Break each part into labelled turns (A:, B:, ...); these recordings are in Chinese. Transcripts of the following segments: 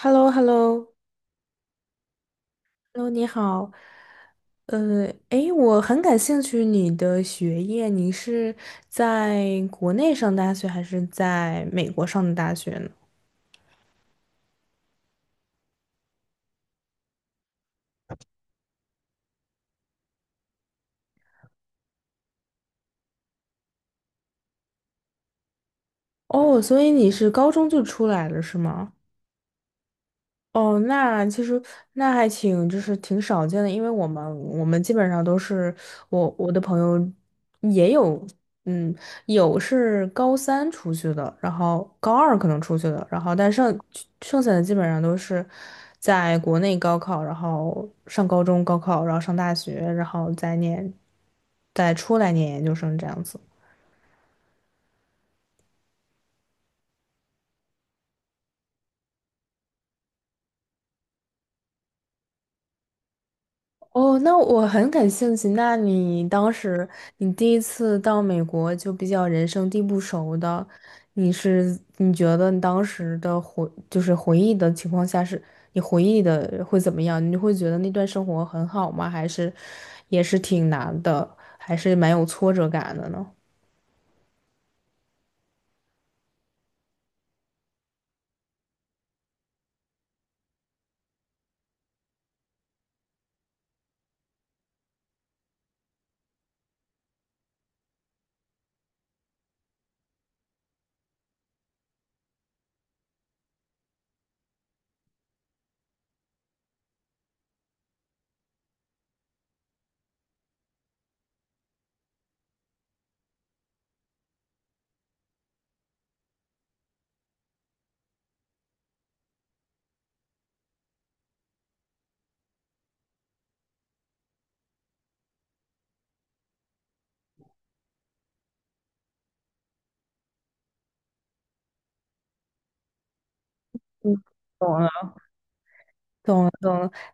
A: h e l l o h e l l o h e l l o 你好。诶，我很感兴趣你的学业，你是在国内上大学还是在美国上的大学呢？哦，所以你是高中就出来了，是吗？哦，那其实那还挺，就是挺少见的，因为我们基本上都是我的朋友也有，嗯，有是高三出去的，然后高二可能出去的，然后但剩下的基本上都是在国内高考，然后上高中高考，然后上大学，然后再念，再出来念研究生这样子。哦，那我很感兴趣。那你当时第一次到美国就比较人生地不熟的，你觉得你当时的就是回忆的情况下是，你回忆的会怎么样？你会觉得那段生活很好吗？还是也是挺难的，还是蛮有挫折感的呢？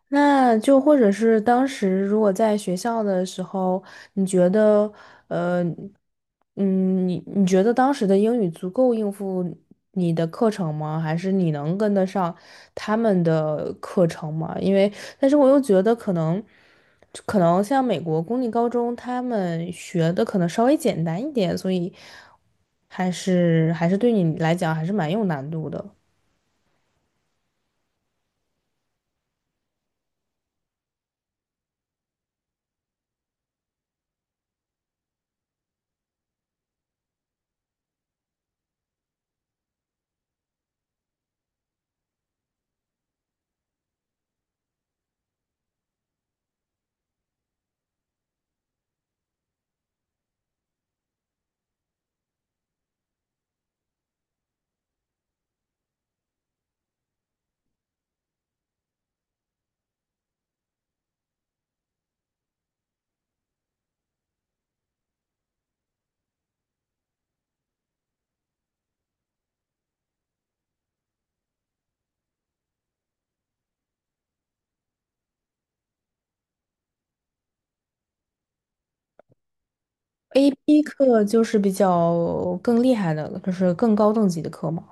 A: 那就或者是当时如果在学校的时候，你觉得，呃，你觉得当时的英语足够应付你的课程吗？还是你能跟得上他们的课程吗？因为，但是我又觉得可能，可能像美国公立高中，他们学的可能稍微简单一点，所以还是对你来讲还是蛮有难度的。AP 课就是比较更厉害的了，就是更高等级的课嘛。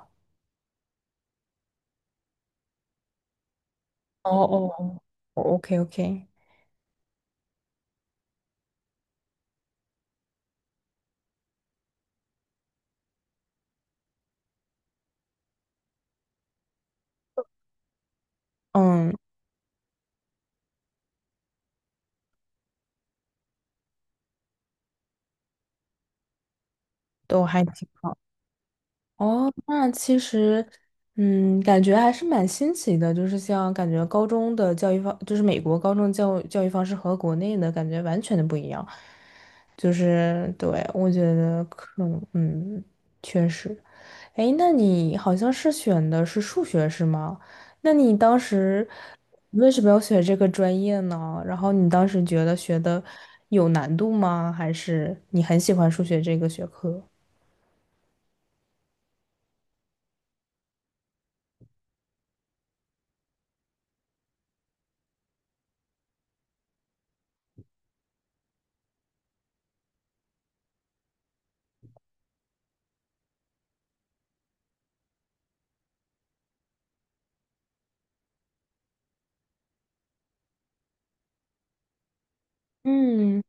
A: 哦哦哦，OK OK，嗯，都还挺好。哦，那其实，嗯，感觉还是蛮新奇的，就是像感觉高中的教育方，就是美国高中教育方式和国内的感觉完全的不一样。就是对，我觉得可能，嗯，确实。哎，那你好像是选的是数学是吗？那你当时为什么要学这个专业呢？然后你当时觉得学的有难度吗？还是你很喜欢数学这个学科？嗯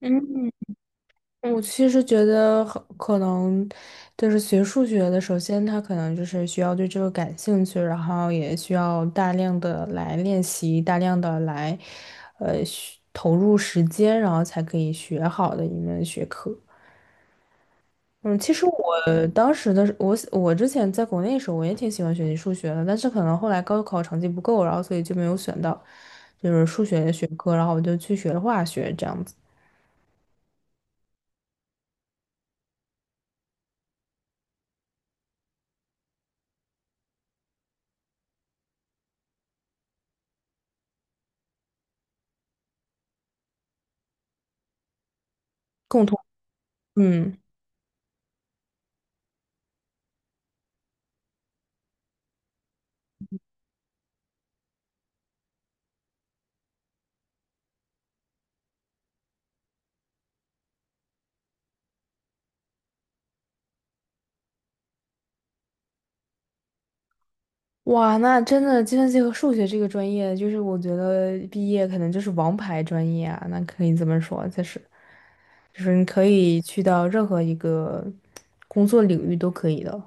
A: 嗯，我其实觉得很可能就是学数学的，首先他可能就是需要对这个感兴趣，然后也需要大量的来练习，大量的来投入时间，然后才可以学好的一门学科。嗯，其实我当时的我之前在国内的时候，我也挺喜欢学习数学的，但是可能后来高考成绩不够，然后所以就没有选到就是数学的学科，然后我就去学了化学，这样子。共同。嗯，哇，那真的计算机和数学这个专业，就是我觉得毕业可能就是王牌专业啊，那可以这么说，就是你可以去到任何一个工作领域都可以的。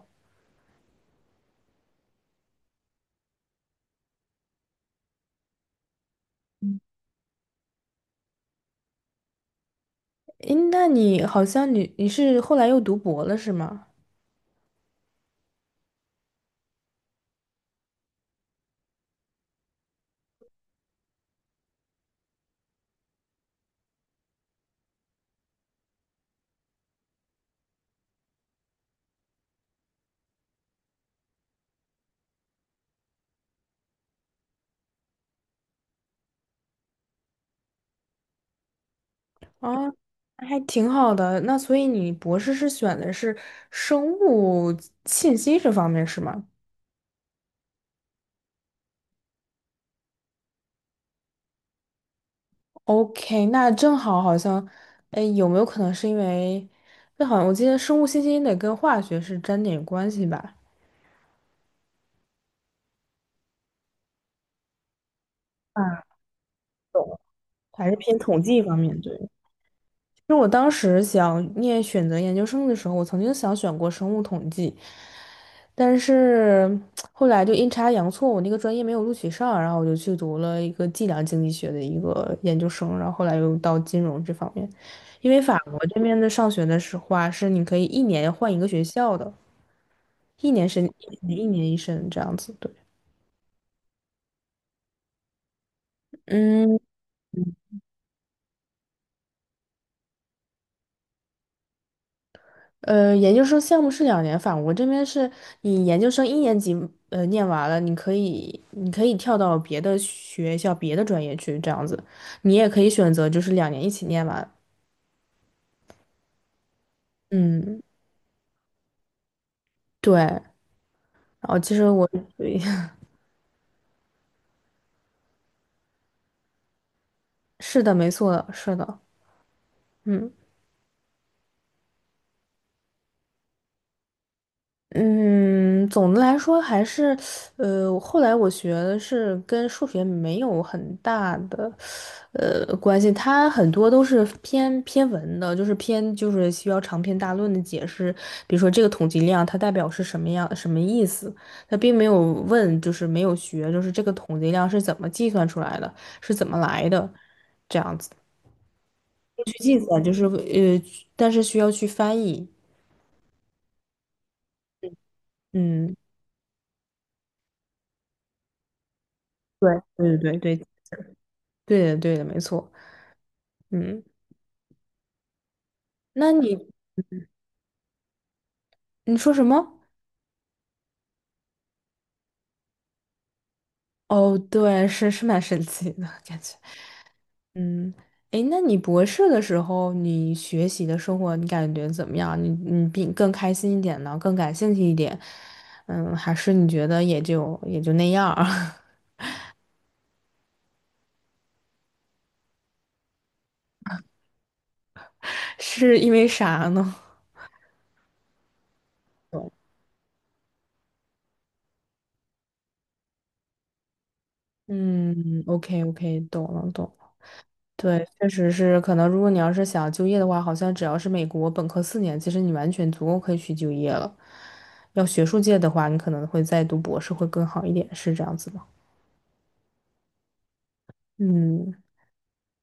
A: 诶，那你好像你是后来又读博了是吗？啊，那还挺好的。那所以你博士是选的是生物信息这方面是吗？OK，那正好好像，哎，有没有可能是因为，那好像我记得生物信息得跟化学是沾点关系吧？啊，还是偏统计方面，对。就我当时想念选择研究生的时候，我曾经想选过生物统计，但是后来就阴差阳错，我那个专业没有录取上，然后我就去读了一个计量经济学的一个研究生，然后后来又到金融这方面，因为法国这边的上学的是话是你可以一年换一个学校的，一年申一年一年一申这样子，对，嗯。呃，研究生项目是两年法，我这边是你研究生一年级念完了，你可以跳到别的学校、别的专业去这样子，你也可以选择就是两年一起念完。嗯，对。然后其实我，是的，没错的，是的，嗯。嗯，总的来说还是，呃，后来我学的是跟数学没有很大的，呃，关系，它很多都是偏偏文的，就是偏就是需要长篇大论的解释，比如说这个统计量它代表是什么样什么意思，它并没有问，就是没有学，就是这个统计量是怎么计算出来的，是怎么来的，这样子去计算，就是但是需要去翻译，嗯，对对对对对的对的，没错。嗯，那你。你说什么？哦，对，是是蛮神奇的感觉。嗯，诶，那你博士的时候，你学习的生活，你感觉怎么样？你比更开心一点呢，更感兴趣一点？嗯，还是你觉得也就那样儿？是因为啥呢？嗯，OK OK，懂了懂了。对，确实是，可能如果你要是想就业的话，好像只要是美国本科4年，其实你完全足够可以去就业了。要学术界的话，你可能会再读博士会更好一点，是这样子吗？嗯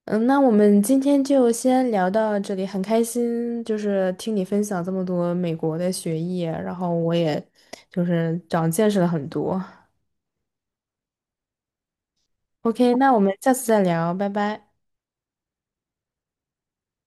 A: 嗯，那我们今天就先聊到这里，很开心，就是听你分享这么多美国的学业，然后我也就是长见识了很多。OK，那我们下次再聊，拜拜。